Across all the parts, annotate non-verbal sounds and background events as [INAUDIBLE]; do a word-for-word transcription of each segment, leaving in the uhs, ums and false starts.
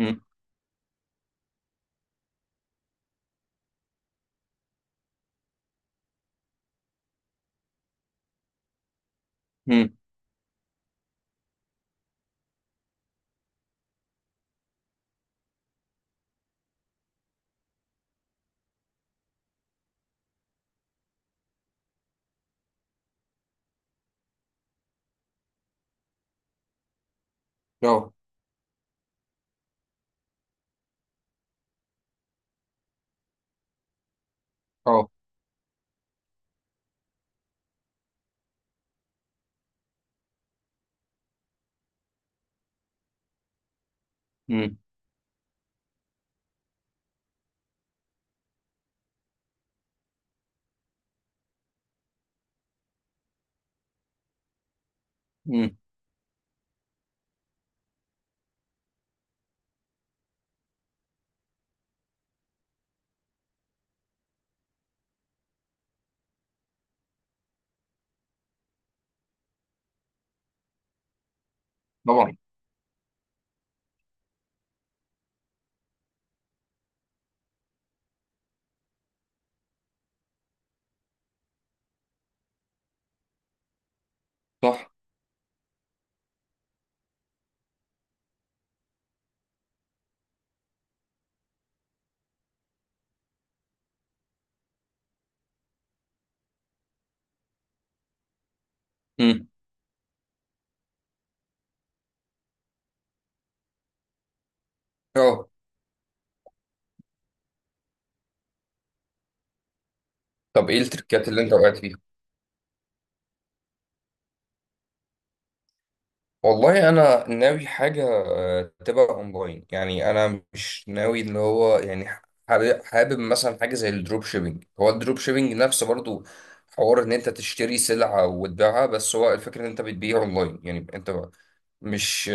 امم. امم. اه. اه. امم. امم. طبعا. صح. امم. اه. طب ايه التركات اللي انت وقعت فيها؟ والله انا ناوي حاجه آه، تبقى اونلاين، يعني انا مش ناوي اللي هو. يعني حابب حابب مثلا حاجه زي الدروب شيبينج، هو الدروب شيبينج نفسه برضو حوار ان انت تشتري سلعه وتبيعها، بس هو الفكره ان انت بتبيع اونلاين. يعني انت، مش،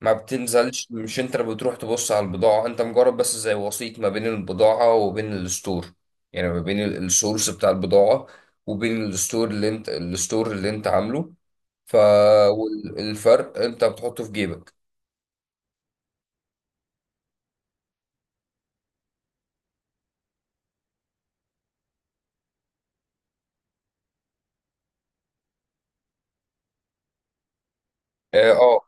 ما بتنزلش، مش انت اللي بتروح تبص على البضاعة، انت مجرد بس زي وسيط ما بين البضاعة وبين الستور. يعني ما بين ال- السورس بتاع البضاعة، وبين الستور اللي انت الستور اللي انت عامله. ف والفرق انت بتحطه في جيبك. اه. اه.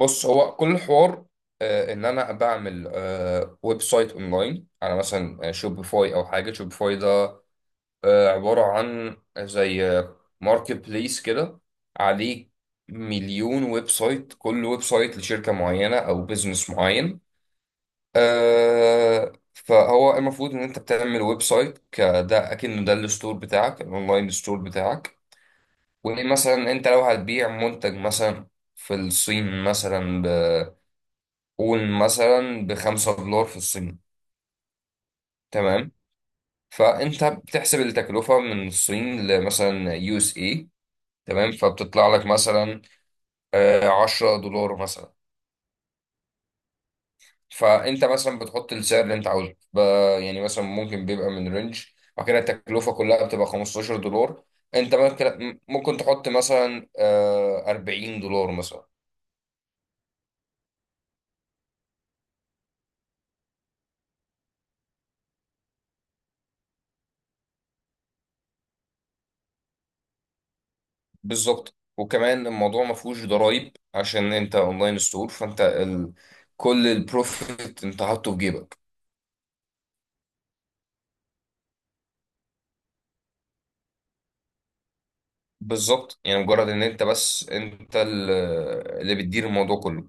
بص، هو كل الحوار آه ان انا بعمل آه ويب سايت اونلاين على مثلا آه، شوبيفاي او حاجة. شوبيفاي ده آه، عبارة عن زي ماركت بليس كده، عليه مليون ويب سايت، كل ويب سايت لشركة معينة أو بزنس معين. آه، فهو المفروض إن أنت بتعمل ويب سايت كده أكنه ده الستور بتاعك، الأونلاين ستور بتاعك. ومثلا أنت لو هتبيع منتج مثلا في الصين، مثلا بقول مثلا بخمسة دولار في الصين. تمام، فأنت بتحسب التكلفة من الصين لمثلا يو اس اي، تمام، فبتطلع لك مثلا آه، عشرة دولار مثلا. فانت مثلا بتحط السعر اللي انت عاوزه ب- يعني مثلا ممكن بيبقى من رينج. بعد كده التكلفه كلها بتبقى خمسة عشر دولار، انت ممكن ممكن تحط مثلا آه، أربعين دولار مثلا. بالظبط. وكمان الموضوع ما فيهوش ضرايب عشان انت اونلاين ستور، فانت ال... كل البروفيت انت حاطه في جيبك. بالظبط. يعني مجرد ان انت بس انت ال- اللي بتدير الموضوع كله.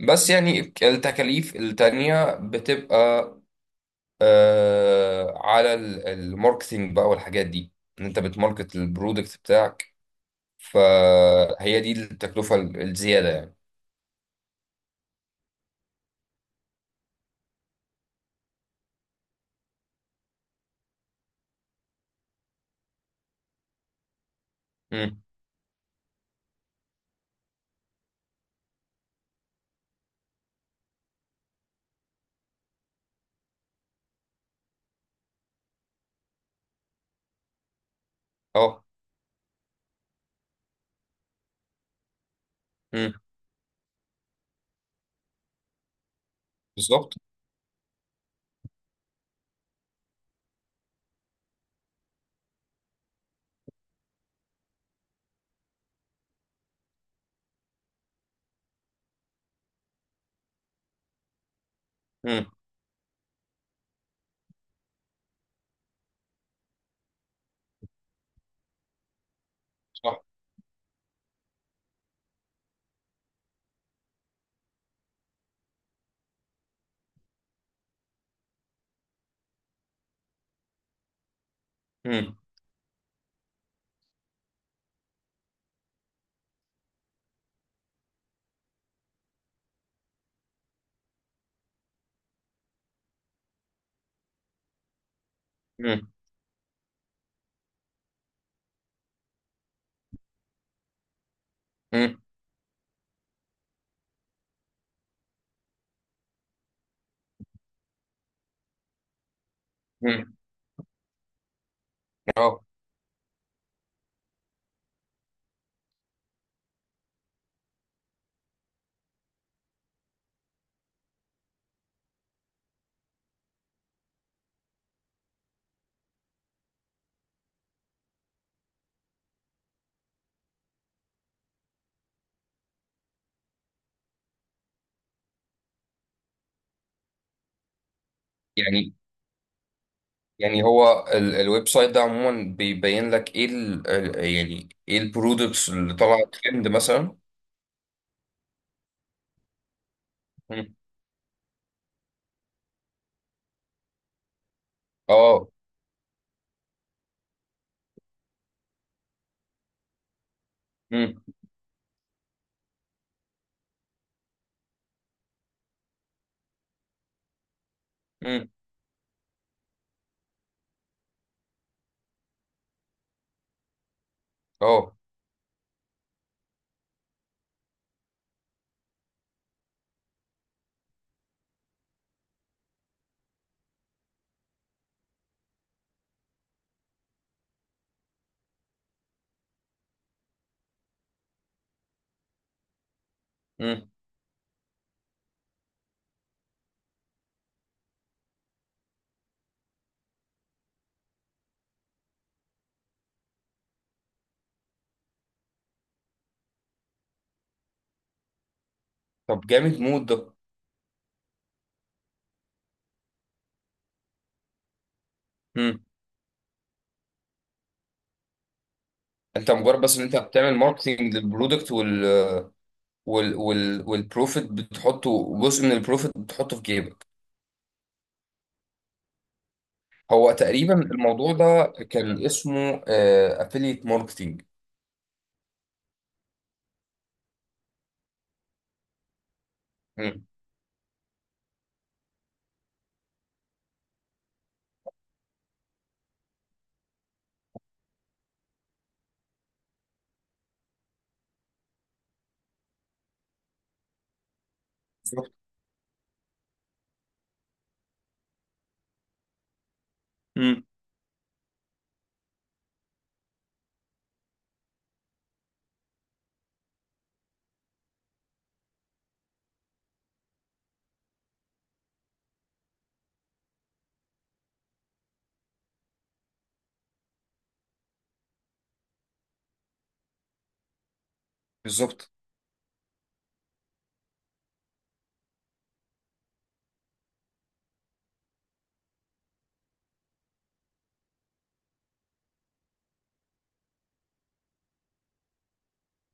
بس يعني التكاليف التانية بتبقى آه على ال- الماركتينج بقى والحاجات دي، ان انت بتماركت البرودكت بتاعك، فهي دي التكلفة ال- الزيادة يعني. امم. اه. امم. بالظبط. امم. صح. امم. امم. امم. امم. اه. يعني يعني هو ال- الويب سايت ده عموما بيبين لك ايه، ال ال- يعني ايه البرودكتس اللي طالعه ترند مثلا. مم. اه. امم. امم. اه. مم. طب جامد مود ده. مم. انت مجرد بس ان انت بتعمل ماركتنج للبرودكت، وال وال وال والبروفيت بتحطه، جزء من البروفيت بتحطه في جيبك. هو تقريبا الموضوع ده كان اسمه افيليت ماركتنج. بالظبط. مم. بالظبط.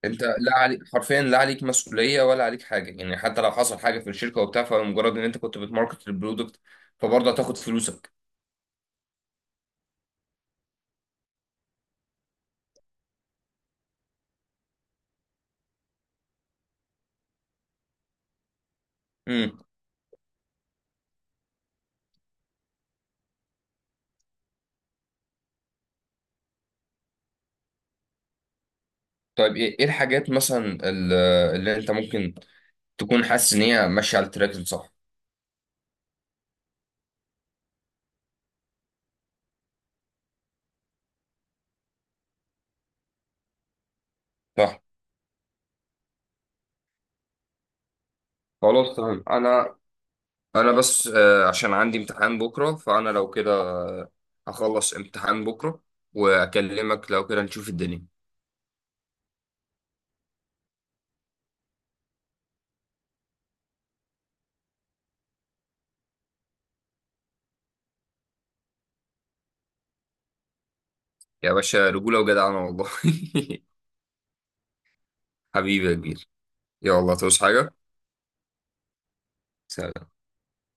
انت لا عليك حرفيا، لا عليك مسؤوليه ولا عليك حاجه، يعني حتى لو حصل حاجه في الشركه وبتاع، فمجرد ان انت كنت بتماركت البرودكت فبرضه هتاخد فلوسك. مم. طيب، ايه إيه الحاجات مثلا ال- اللي انت ممكن تكون حاسس ان هي ماشيه على التراك الصح؟ صح. خلاص تمام. انا انا بس آه، عشان عندي امتحان بكره، فانا لو كده آه، هخلص امتحان بكره واكلمك، لو كده نشوف الدنيا. يا باشا، رجوله وجدعنه والله. [LAUGHS] حبيبي يا كبير. يلا توس حاجه. سلام.